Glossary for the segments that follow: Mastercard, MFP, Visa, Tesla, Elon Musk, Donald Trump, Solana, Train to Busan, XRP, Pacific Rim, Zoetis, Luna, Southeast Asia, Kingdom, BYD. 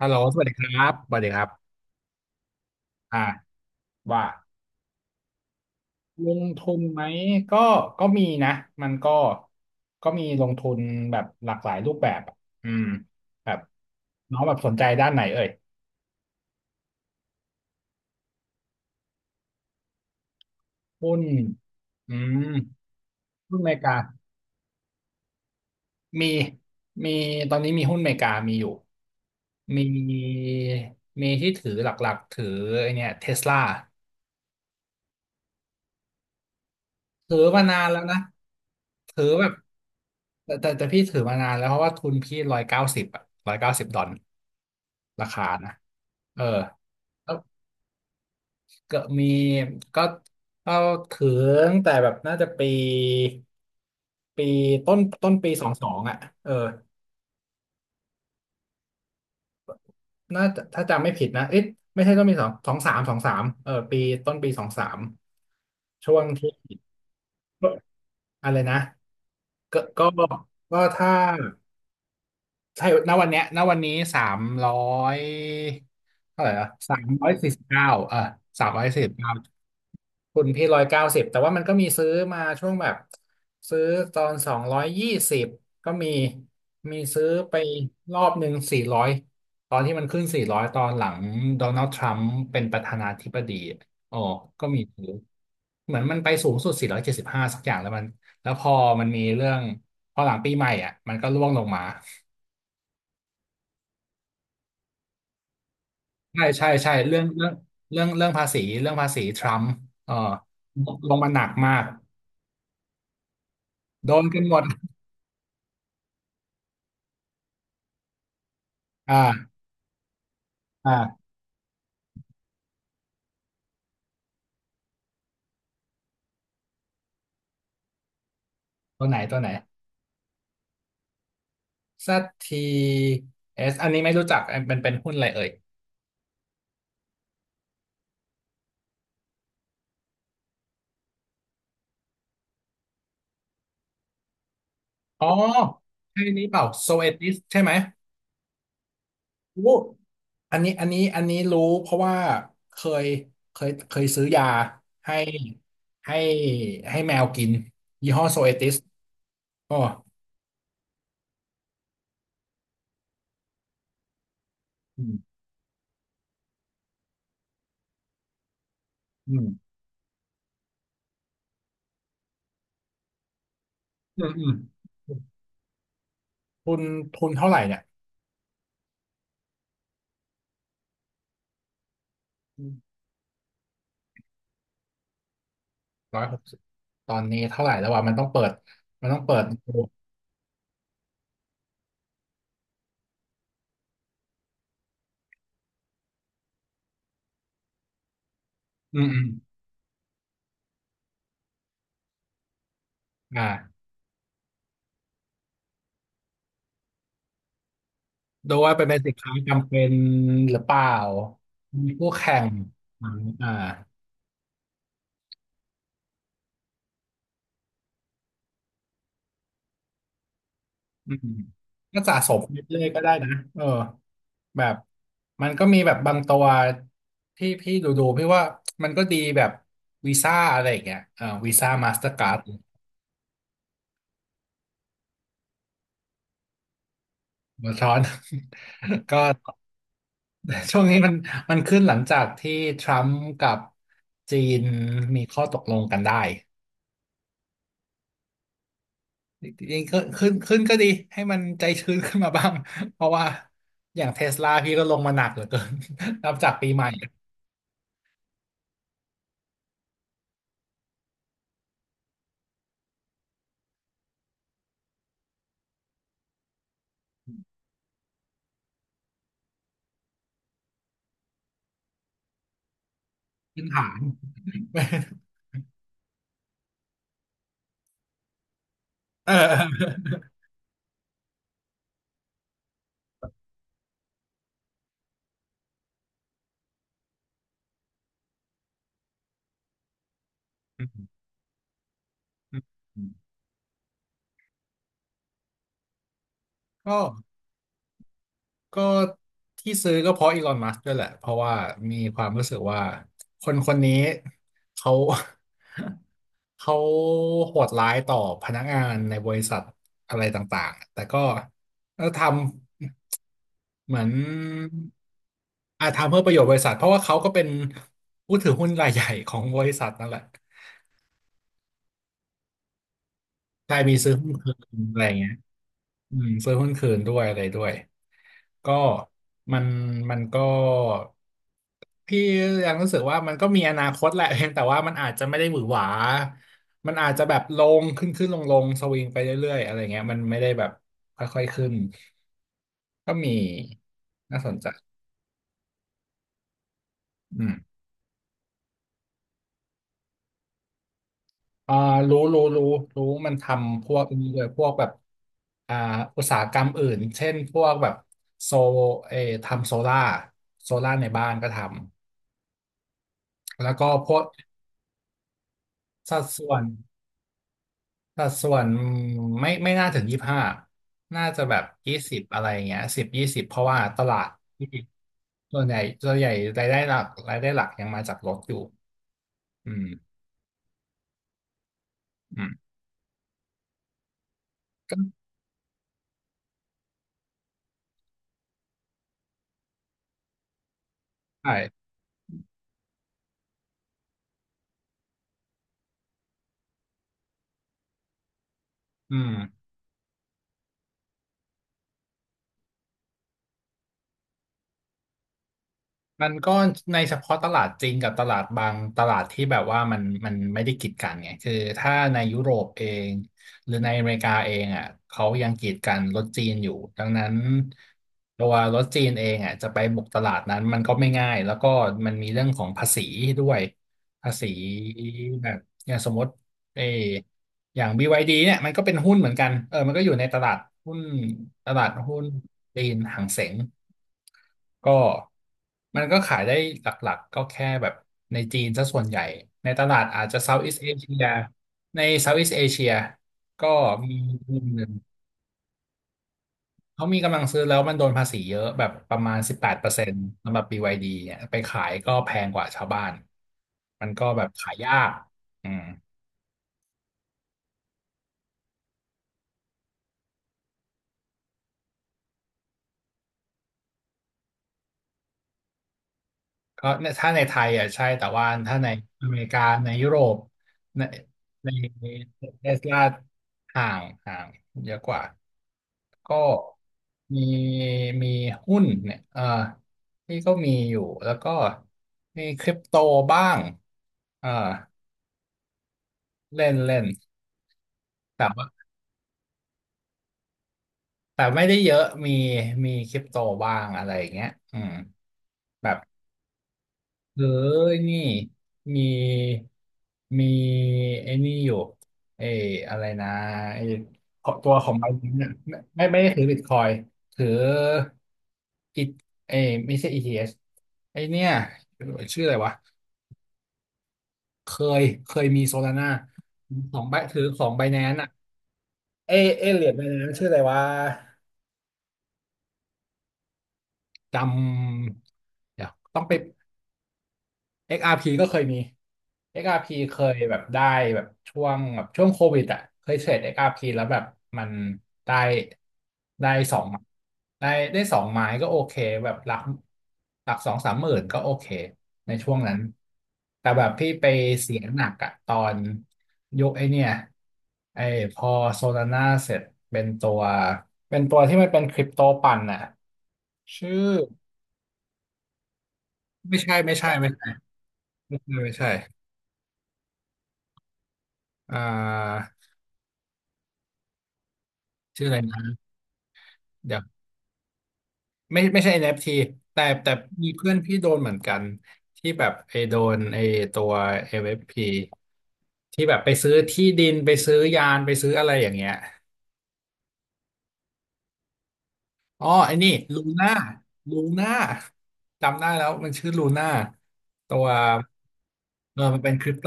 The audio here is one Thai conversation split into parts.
ฮัลโหลสวัสดีครับสวัสดีครับอ่าว่าลงทุนไหมก็ก็มีนะมันก็ก็มีลงทุนแบบหลากหลายรูปแบบอะอืมแบบน้องแบบสนใจด้านไหนเอ่ยหุ้นอืมหุ้นอเมริกามีมีตอนนี้มีหุ้นอเมริกามีอยู่มีมีที่ถือหลักๆถือไอเนี่ยเทสลา ถือมานานแล้วนะถือแบบแต่พี่ถือมานานแล้วเพราะว่าทุนพี่ร้อยเก้าสิบอะร้อยเก้าสิบดอลราคานะเออแล้วกดมีก็ก็ถือ้งแต่แบบน่าจะปีปีต้นต้นปีสองสองอ่ะเออน่าจะถ้าจำไม่ผิดนะเอ๊ะไม่ใช่ต้นปีสองสองสามสองสามเออปีต้นปีสองสามช่วงที่อะไรนะก็ก็ถ้า ใช่ณวันเนี้ยณวันนี้สามร้อยเท่าไหร่ละสามร้อยสี่สิบเก้าเออสามร้อยสี่สิบเก้าคุณพี่ร้อยเก้าสิบแต่ว่ามันก็มีซื้อมาช่วงแบบซื้อตอนสองร้อยยี่สิบก็มีมีซื้อไปรอบหนึ่งสี่ร้อยตอนที่มันขึ้นสี่ร้อยตอนหลังโดนัลด์ทรัมป์เป็นประธานาธิบดีอ๋อก็มีซื้อ เหมือนมันไปสูงสุด475สบห้าสักอย่างแล้วมัน แล้วพอมันมีเรื่องพอหลังปีใหม่อ่ะมันก็ร่วงลงมา ใช่ใช่ใช่เรื่องเรื่องภาษีเรื่องภาษีทรัมป์เออลงมาหนักมากโดนกันหมดอ่าอ่าตัวไหนซั ZTS อสอันนี้ไม่รู้จักอันเป็นหุ้นอะไรเอ่ยอ๋อใช่นี้เปล่าโซเอติสใช่ไหมอู้อันนี้รู้เพราะว่าเคยเคยซื้อยาให้ให้ให้แมวกินยี่ห้อโซเอติสอ๋ออืมอืมอืมอืมทุนทุนเท่าไหร่เนี่ย ร้อยหกสิบตอนนี้เท่าไหร่แล้ววะมันต้องเปิดดูอืมอืมอ่าดูว่าเป็นสินค้าจำเป็นหรือเปล่ามีคู่แข่งไหมอ่าอืมก็สะสมไปเรื่อยๆก็ได้นะเออแบบมันก็มีแบบบางตัวที่พี่ดูพี่ว่ามันก็ดีแบบวีซ่าอะไรอย่างเงี้ยเออวีซ่ามาสเตอร์การ์ดหัวซ้อน ก็ ช่วงนี้มันมันขึ้นหลังจากที่ทรัมป์กับจีนมีข้อตกลงกันได้จริงๆก็ขึ้นก็ดีให้มันใจชื้นขึ้นมาบ้าง เพราะว่าอย่างเทสลาพี่ก็ลงมาหนักเหลือเกิน นับจากปีใหม่ขึ้นฐาน เออ ก็ก็ที่ซื้อก็เพราะอีลอนมัสก์ด้วยแหละเพราะว่ามีความรู้สึกว่าคนคนนี้เขา เขาโหดร้ายต่อพนักงานในบริษัทอะไรต่างๆ แต่ก็ก็ทำเหมือนอาทำเพื่อประโยชน์บริษัทเพราะว่าเขาก็เป็นผู้ถือหุ้นรายใหญ่ของบริษัทนั่นแหละใช่มีซื้อหุ้นคืนอะไรอย่างเงี้ยอืมซื้อหุ้นคืนด้วยอะไรด้วย ก็มันมันก็พี่ยังรู้สึกว่ามันก็มีอนาคตแหละ เพียงแต่ว่ามันอาจจะไม่ได้หวือหวามันอาจจะแบบลงขึ้นขึ้นลงลงสวิงไปเรื่อยๆอะไรเงี้ยมันไม่ได้แบบค่อยๆขึ้นก็มีน่าสนใจอืมอ่ารู้รู้มันทำพวกนี้เลยพวกแบบอ่าอุตสาหกรรมอื่นเช่นพวกแบบโซเออทำโซล่าโซล่าในบ้านก็ทำแล้วก็พวกสัดส่วน สัดส่วนไม่น่าถึงยี่สิบห้าน่าจะแบบยี่สิบอะไรอย่างเงี้ยสิบยี่สิบเพราะว่าตลาดที่ส่วนใหญ่ส่วนใหญ่รายได้หลักยังมาจากรถอยู่อืมอืมก็ใช่อืม มันก็ในเฉพาะตลาดจริงกับตลาดบางตลาดที่แบบว่ามันไม่ได้กีดกันไงคือถ้าในยุโรปเองหรือในอเมริกาเองอ่ะเขายังกีดกันรถจีนอยู่ดังนั้นตัวรถจีนเองอ่ะจะไปบุกตลาดนั้นมันก็ไม่ง่ายแล้วก็มันมีเรื่องของภาษีด้วยภาษีแบบอย่างสมมติ เอออย่าง BYD เนี่ยมันก็เป็นหุ้นเหมือนกันเออมันก็อยู่ในตลาดหุ้นตลาดหุ้นจีนหางเส็งก็มันก็ขายได้หลักๆก็แค่แบบในจีนซะส่วนใหญ่ ในตลาดอาจจะ Southeast Asia ใน Southeast Asia ก็มีมุมหนึ่งเขามีกำลังซื้อแล้วมันโดนภาษีเยอะแบบประมาณ18%สำหรับ BYD เนี่ยไปขายก็แพงกว่าชาวบ้าน มันก็แบบขายยากอืม ก็ในถ้าในไทยอ่ะใช่แต่ว่าถ้าในอเมริกาในยุโรปในในเทสลาห่างห่างเยอะกว่าก็มีมีหุ้นเนี่ยเออที่ก็มีอยู่แล้วก็มีคริปโตบ้างเออเล่นเล่นแต่ว่าไม่ได้เยอะมีคริปโตบ้างอะไรอย่างเงี้ยแบบ เออนี่มีมีไอ้นี่อยู่ไอ้อะไรนะไอ้ขอตัวของมันเนี่ยไม่ได้ถือบิตคอยถืออีไอ้ไม่ใช่ ETH ไอ้เนี่ยชื่ออะไรวะเคเคยมีโซลาร่าของไบถือของไบแนนอะเอเอเหรียญไบแนนชื่ออะไรวะจำเดี๋ยวต้องไป XRP กซ์อาร์พีก็เคยมี XRP เคยแบบได้แบบช่วงโควิดอ่ะเคยเทรด XRP แล้วแบบมันได้ได้สองได้ได้สองไม้ก็โอเคแบบหลักสองสามหมื่นก็โอเคในช่วงนั้นแต่แบบพี่ไปเสียหนักอะตอนยกไอเนี่ยไอพอโซลาน่าเสร็จเป็นตัวเป็นตัวที่มันเป็นคริปโตปั่นน่ะชื่อไม่ใช่ไม่ใช่ไม่ใช่ไม่ใช่ไม่ใช่อ่า ชื่ออะไรนะเดี๋ยวไม่ใช่ NFT แต่มีเพื่อนพี่โดนเหมือนกันที่แบบไอโดนไอตัว MFP ที่แบบไปซื้อที่ดินไปซื้อยานไปซื้ออะไรอย่างเงี้ยอ๋อไอ้นี่ลูน่าลูน่าจำได้แล้วมันชื่อลูน่าตัวเออมันเป็นคริปโต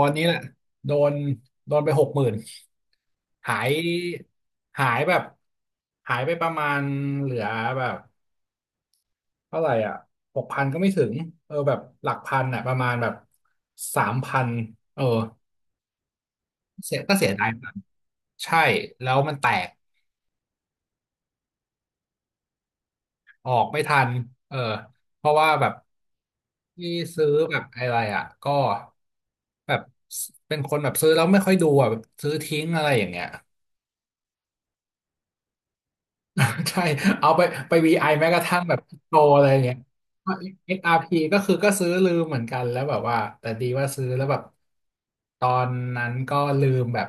วันนี้แหละโดนโดนไป60,000หายหายแบบหายไปประมาณเหลือแบบ เท่าไหร่อ่ะ6,000ก็ไม่ถึงเออแบบหลักพันอ่ะประมาณแบบ3,000เออเสียก็เสียดายตังค์ใช่แล้วมันแตกออกไม่ทันเออเพราะว่าแบบที่ซื้อแบบอะไรอ่ะก็แบบเป็นคนแบบซื้อแล้วไม่ค่อยดูอ่ะแบบซื้อทิ้งอะไรอย่างเงี้ย ใช่เอาไปวีไ i แม้กระทั่งแบบโตอะไรอย่างเงี้ย XRP กซ์อาร์พีก็คือก็ซื้อลืมเหมือนกันแล้วแบบว่าแต่ดีว่าซื้อแล้วแบบตอนนั้นก็ลืมแบบ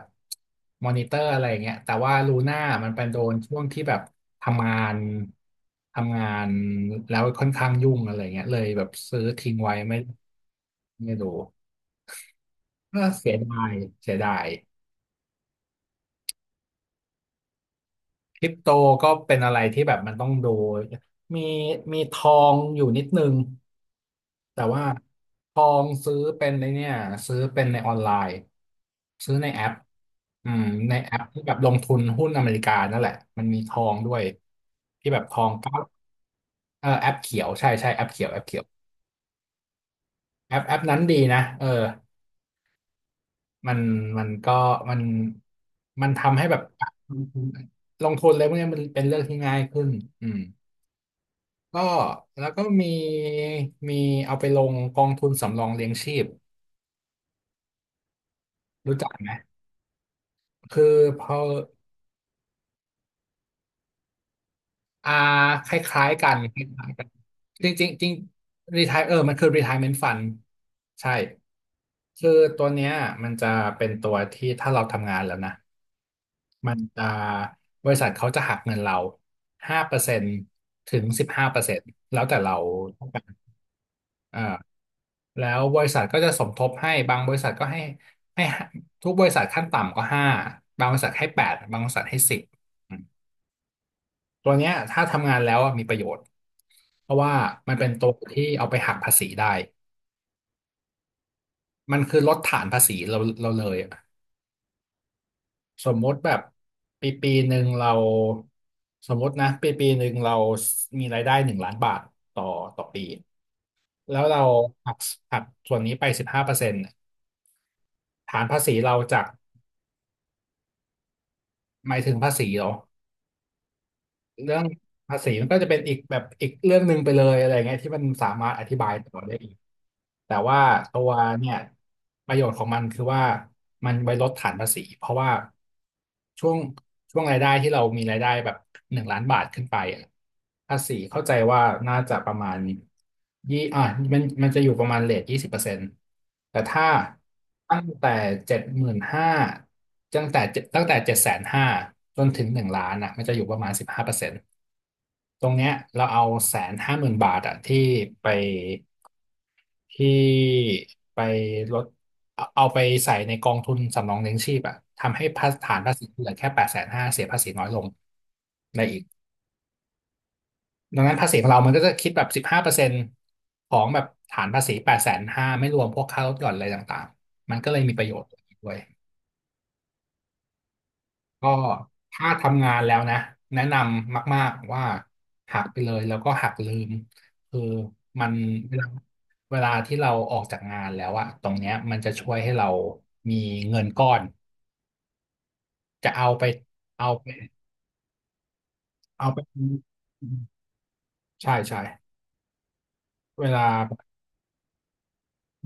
มอนิเตอร์อะไรอย่างเงี้ยแต่ว่าลูน่ามันเป็นโดนช่วงที่แบบทำงานทำงานแล้วค่อนข้างยุ่งอะไรเงี้ยเลยแบบซื้อทิ้งไว้ไม่ดูก็เสียดายเสียดายคริปโตก็เป็นอะไรที่แบบมันต้องดูมีมีทองอยู่นิดนึง แต่ว่าทองซื้อเป็นในเนี่ยซื้อเป็นในออนไลน์ซื้อในแอปอืมในแอปที่แบบลงทุนหุ้นอเมริกานั่นแหละมันมีทองด้วยที่แบบทองเก้าเออแอปเขียวใช่ใช่แอปเขียวแอปเขียวแอปนั้นดีนะเออมันมันก็มันมันทำให้แบบลงทุนลงทุนอะไรพวกเนี้ยมันเป็นเรื่องที่ง่ายขึ้นอืมก็แล้วก็มีเอาไปลงกองทุนสำรองเลี้ยงชีพรู้จักไหมคือพอ อ่าคล้ายๆกันคล้ายๆกันจริงๆจริงรีทายเออมันคือ retirement fund ใช่คือตัวเนี้ยมันจะเป็นตัวที่ถ้าเราทำงานแล้วนะมันจะบริษัทเขาจะหักเงินเราห้าเปอร์เซ็นต์ถึงสิบห้าเปอร์เซ็นต์แล้วแต่เราต้องการเอ่าแล้วบริษัทก็จะสมทบให้บางบริษัทก็ให้ทุกบริษัทขั้นต่ำก็ห้าบางบริษัทให้แปดบางบริษัทให้สิบ ตัวเนี้ยถ้าทำงานแล้วอะมีประโยชน์เพราะว่ามันเป็นตัวที่เอาไปหักภาษีได้ มันคือลดฐานภาษีเราเราเลยอะสมมติแบบปีปีหนึ่งเราสมมตินะปีปีหนึ่งเรามีรายได้หนึ่งล้านบาทต่อต่อปีแล้วเราหักหักส่วนนี้ไปสิบห้าเปอร์เซ็นต์ฐานภาษีเราจากหมายถึงภาษีเหรอ เรื่องภาษีมันก็จะเป็นอีกแบบอีกเรื่องหนึ่งไปเลยอะไรเงี้ยที่มันสามารถอธิบายต่อได้อีกแต่ว่าตัวเนี่ยประโยชน์ของมันคือว่ามันไว้ลดฐานภาษีเพราะว่าช่วงช่วงรายได้ที่เรามีรายได้แบบหนึ่งล้านบาทขึ้นไปอะภาษีเข้าใจว่าน่าจะประมาณยี่อ่ะมันจะอยู่ประมาณเรท20% แต่ถ้าตั้งแต่75,000ตั้งแต่7ตั้งแต่750,000จนถึงหนึ่งล้านอ่ะมันจะอยู่ประมาณสิบห้าเปอร์เซ็นต์ตรงเนี้ยเราเอา150,000 บาทอ่ะไปที่ไปลดเอาไปใส่ในกองทุนสำรองเลี้ยงชีพอ่ะทำให้ภาฐานภาษีเหลือแค่แปดแสนห้าเสียภาษีน้อยลงได้อีกดังนั้นภาษีของเรามันก็จะคิดแบบสิบห้าเปอร์เซ็นต์ของแบบฐานภาษีแปดแสนห้าไม่รวมพวกค่าลดหย่อนอะไรต่างๆมันก็เลยมีประโยชน์ด้วย ก็ถ้าทำงานแล้วนะแนะนำมากๆว่าหักไปเลยแล้วก็หักลืมคือมันเวลาเวลาที่เราออกจากงานแล้วอะตรงเนี้ยมันจะช่วยให้เรามีเงินก้อนจะเอาไปเอาไปใช่ใช่เวลา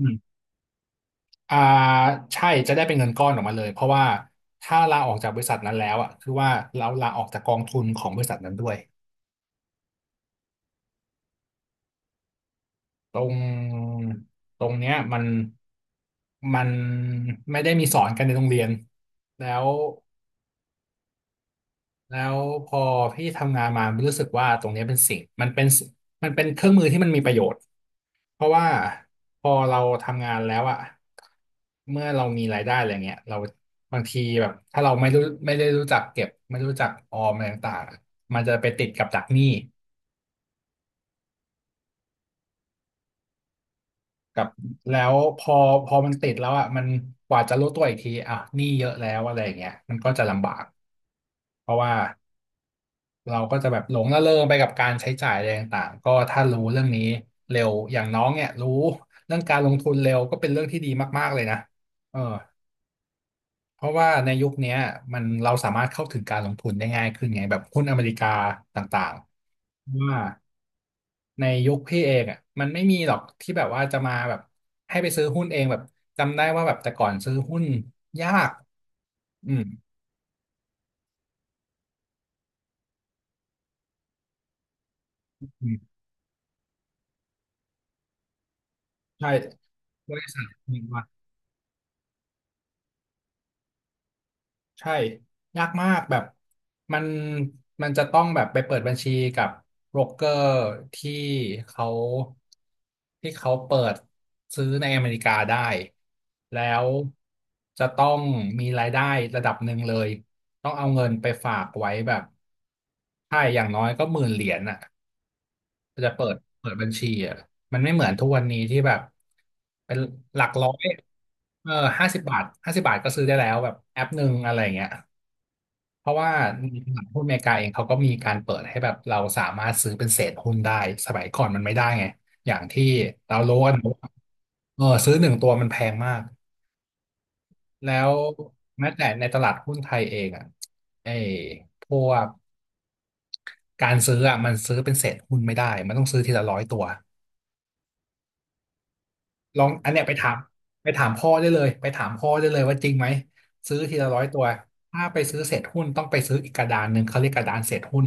อืมอ่าใช่จะได้เป็นเงินก้อนออกมาเลยเพราะว่าถ้าลาออกจากบริษัทนั้นแล้วอะคือว่าเราลาออกจากกองทุนของบริษัทนั้นด้วย ตรงตรงเนี้ยมันไม่ได้มีสอนกันในโรงเรียนแล้วแล้วพอพี่ทำงานมารู้สึกว่าตรงเนี้ยเป็นสิ่งมันเป็นเครื่องมือที่มันมีประโยชน์เพราะว่าพอเราทำงานแล้วอะเมื่อเรามีรายได้อะไรเงี้ยเราบางทีแบบถ้าเราไม่รู้ไม่ได้รู้จักเก็บไม่รู้จักออมอะไรต่างๆอะมันจะไปติดกับดักหนี้ กับแล้วพอมันติดแล้วอ่ะมันกว่าจะรู้ตัวอีกทีอ่ะหนี้เยอะแล้วอะไรอย่างเงี้ยมันก็จะลำบากเพราะว่าเราก็จะแบบหลงระเริงไปกับการใช้จ่ายอะไรต่างๆก็ถ้ารู้เรื่องนี้เร็วอย่างน้องเนี่ยรู้เรื่องการลงทุนเร็วก็เป็นเรื่องที่ดีมากๆเลยนะเออเพราะว่าในยุคเนี้ยมันเราสามารถเข้าถึงการลงทุนได้ง่ายขึ้นไงแบบหุ้นอเมริกาต่างๆว่า ในยุคพี่เองอ่ะมันไม่มีหรอกที่แบบว่าจะมาแบบให้ไปซื้อหุ้นเองแบบจำได้ว่าแบบแต่ก่อนซื้อหุ้นยากอืมอืมใช่บริษัท ใช่ยากมากแบบมันมันจะต้องแบบไปเปิดบัญชีกับโบรกเกอร์ที่เขาเขาเปิดซื้อในอเมริกาได้แล้วจะต้องมีรายได้ระดับหนึ่งเลยต้องเอาเงินไปฝากไว้แบบใช่อย่างน้อยก็หมื่นเหรียญอ่ะจะเปิดบัญชีอ่ะมันไม่เหมือนทุกวันนี้ที่แบบเป็นหลักร้อยเออห้าสิบบาทก็ซื้อได้แล้วแบบแอปหนึ่งอะไรเงี้ย เพราะว่าในตลาดหุ้นอเมริกาเองเขาก็มีการเปิดให้แบบเราสามารถซื้อเป็นเศษหุ้นได้สมัยก่อนมันไม่ได้ไงอย่างที่เรารู้กันว่าเออซื้อหนึ่งตัวมันแพงมากแล้วแม้แต่ในตลาดหุ้นไทยเองอ่ะไอ้พวกการซื้ออ่ะมันซื้อเป็นเศษหุ้นไม่ได้มันต้องซื้อทีละร้อยตัว ลองอันเนี้ยไปถามพ่อได้เลยไปถามพ่อได้เลยว่าจริงไหมซื้อทีละร้อยตัวถ้าไปซื้อเศษหุ้นต้องไปซื้ออีกกระดานหนึ่งเขาเรียกกระดานเศษหุ้น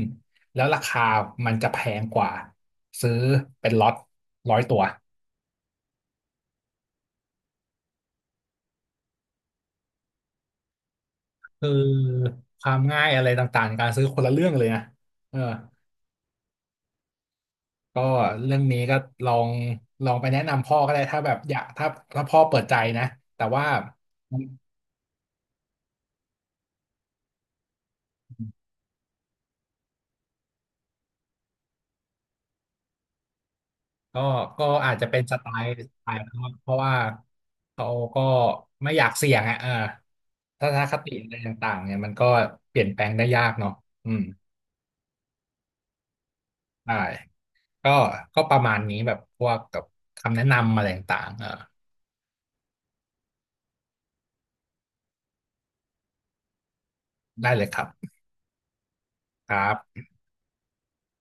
แล้วราคามันจะแพงกว่าซื้อเป็นล็อตร้อยตัวคือความง่ายอะไรต่างๆในการซื้อคนละเรื่องเลยนะเออก็เรื่องนี้ก็ลองลองไปแนะนำพ่อก็ได้ถ้าแบบอยากถ้าถ้าพ่อเปิดใจนะแต่ว่า ก็ก็อาจจะเป็นสไตล์เขาเพราะว่าเขาก็ไม่อยากเสี่ยงอ่ะเออทัศนคติอะไรต่างๆเนี่ยมันก็เปลี่ยนแปลงได้ยากเนาะอืมใช่ก็ก็ประมาณนี้แบบพวกกับคำแนะนำอะไรต่างๆเออได้เลยครับครับ